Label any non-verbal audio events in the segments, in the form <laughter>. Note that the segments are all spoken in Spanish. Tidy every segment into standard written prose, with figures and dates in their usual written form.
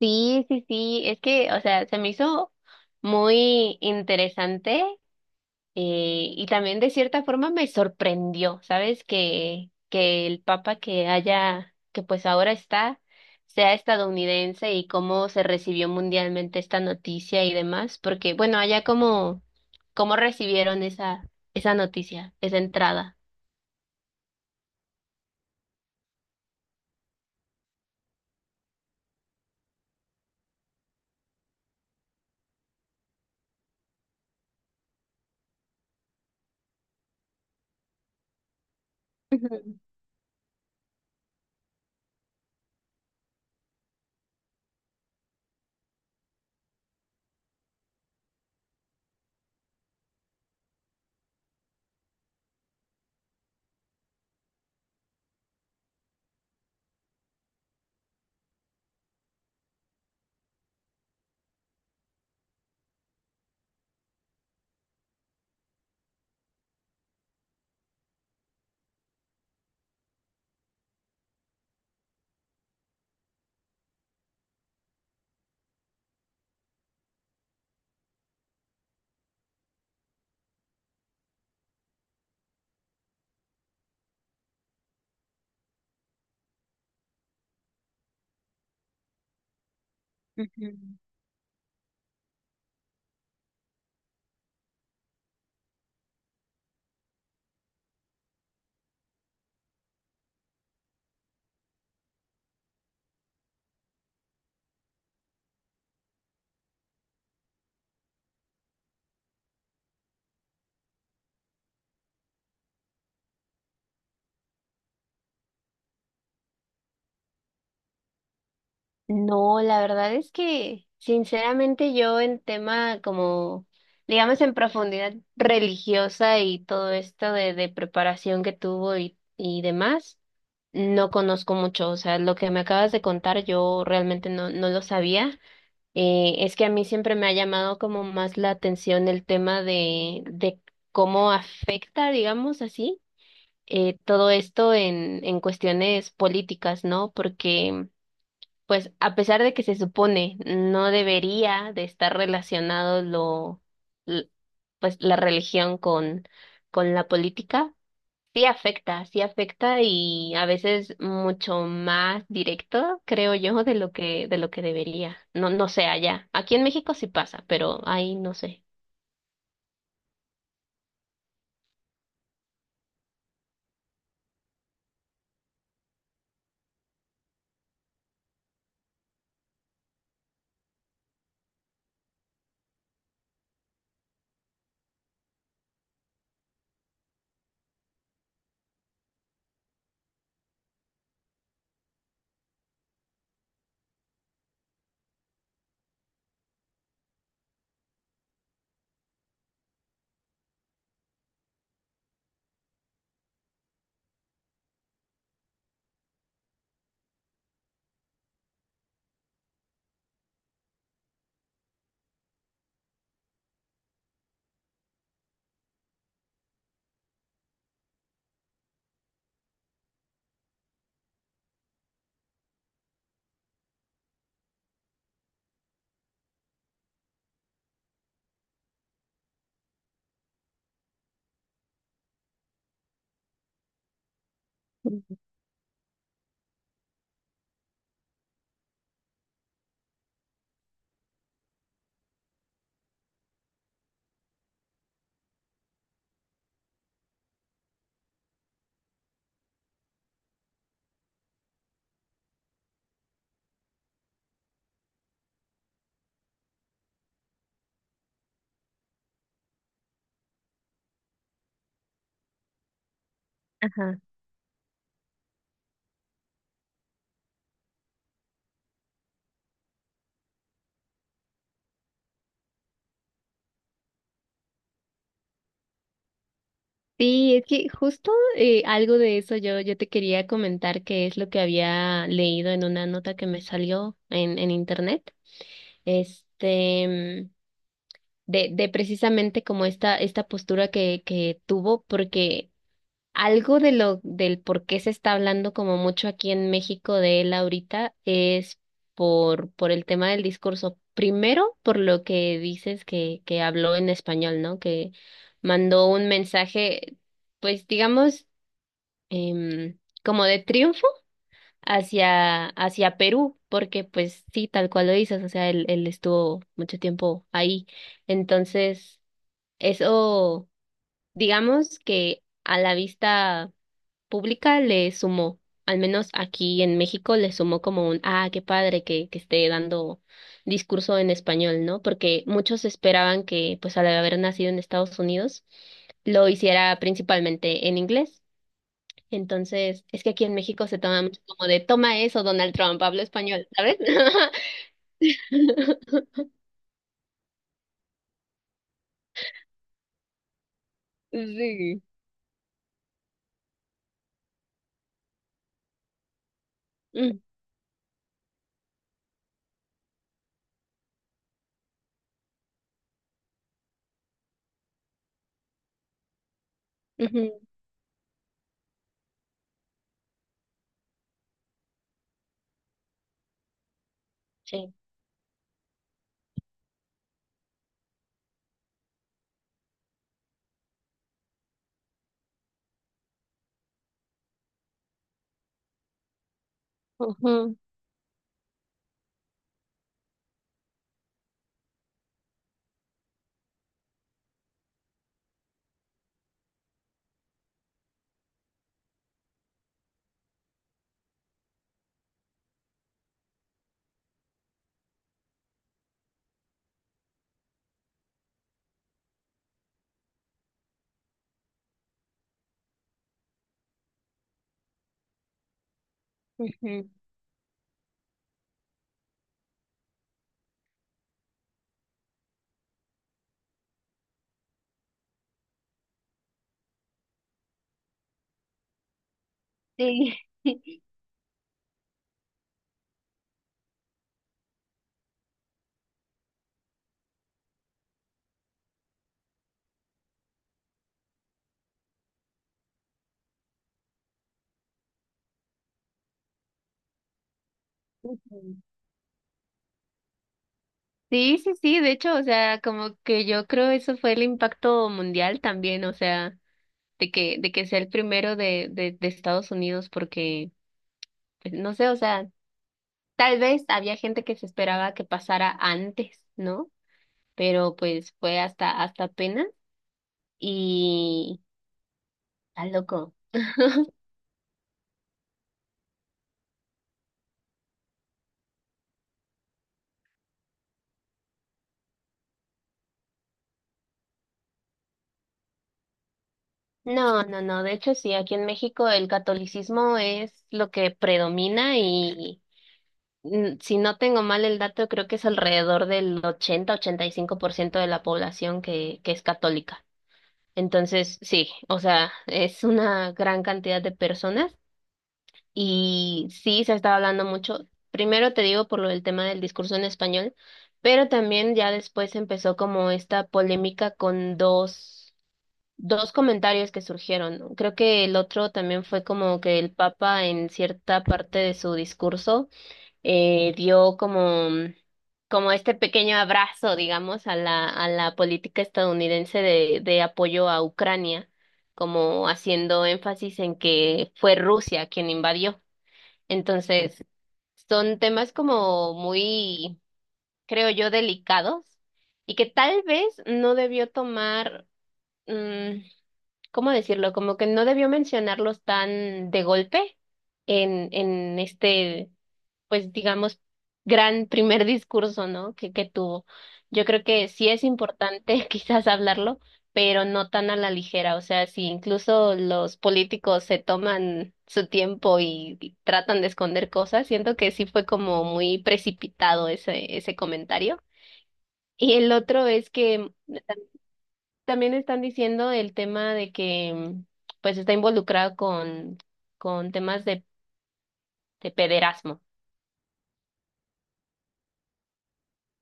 Sí, sí, sí, es que, o sea, se me hizo muy interesante y también de cierta forma me sorprendió, ¿sabes? Que el papa que haya, que pues ahora está, sea estadounidense y cómo se recibió mundialmente esta noticia y demás, porque bueno, allá cómo recibieron esa noticia, esa entrada. Ujú, ujú. No, la verdad es que sinceramente yo en tema como, digamos en profundidad religiosa y todo esto de, preparación que tuvo y demás, no conozco mucho. O sea, lo que me acabas de contar yo realmente no lo sabía. Es que a mí siempre me ha llamado como más la atención el tema de, cómo afecta, digamos así, todo esto en cuestiones políticas, ¿no? Porque pues a pesar de que se supone no debería de estar relacionado l- pues la religión con la política, sí afecta y a veces mucho más directo, creo yo, de lo que debería. No, no sé allá. Aquí en México sí pasa, pero ahí no sé. Ajá. Sí, es que justo algo de eso yo te quería comentar que es lo que había leído en una nota que me salió en, internet, este, de precisamente como esta, postura que tuvo, porque algo de lo del por qué se está hablando como mucho aquí en México de él ahorita es por el tema del discurso. Primero, por lo que dices que habló en español, ¿no? Que mandó un mensaje, pues digamos, como de triunfo hacia Perú, porque pues sí, tal cual lo dices, o sea, él estuvo mucho tiempo ahí. Entonces, eso digamos que a la vista pública le sumó, al menos aquí en México le sumó como un, ah, qué padre que, esté dando discurso en español, ¿no? Porque muchos esperaban que, pues al haber nacido en Estados Unidos, lo hiciera principalmente en inglés. Entonces, es que aquí en México se toma mucho como de, toma eso, Donald Trump, hablo español, ¿sabes? <laughs> Sí. Mm, ujú, Sí. Ujú, ujú, Sí. <laughs> Sí, sí, sí, de hecho, o sea, como que yo creo eso fue el impacto mundial también, o sea, de que, de que, sea el primero de, de Estados Unidos, porque, pues, no sé, o sea, tal vez había gente que se esperaba que pasara antes, ¿no? Pero pues fue hasta apenas y está loco. No, no, no, de hecho sí, aquí en México el catolicismo es lo que predomina. Si no tengo mal el dato, creo que es alrededor del 80-85% de la población que es católica. Entonces, sí, o sea, es una gran cantidad de personas y sí se está hablando mucho. Primero te digo por lo del tema del discurso en español, pero también ya después empezó como esta polémica con dos comentarios que surgieron, ¿no? Creo que el otro también fue como que el Papa en cierta parte de su discurso dio como, como este pequeño abrazo, digamos, a la, política estadounidense de apoyo a Ucrania, como haciendo énfasis en que fue Rusia quien invadió. Entonces, son temas como muy, creo yo, delicados y que tal vez no debió tomar, mm, ¿cómo decirlo? Como que no debió mencionarlos tan de golpe en, este pues digamos, gran primer discurso, ¿no? que tuvo. Yo creo que sí es importante <laughs> quizás hablarlo, pero no tan a la ligera. O sea, si incluso los políticos se toman su tiempo y tratan de esconder cosas, siento que sí fue como muy precipitado ese, comentario. Y el otro es que también están diciendo el tema de que pues está involucrado con, temas de pederasmo,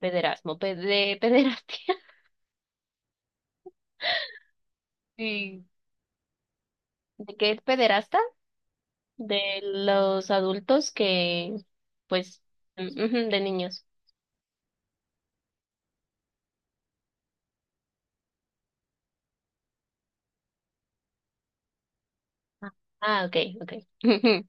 pederasmo, de pederastia. <laughs> Sí. ¿De qué pederasta? De los adultos que, pues, ujú, de niños. Ah, ah, ok, ok. <laughs>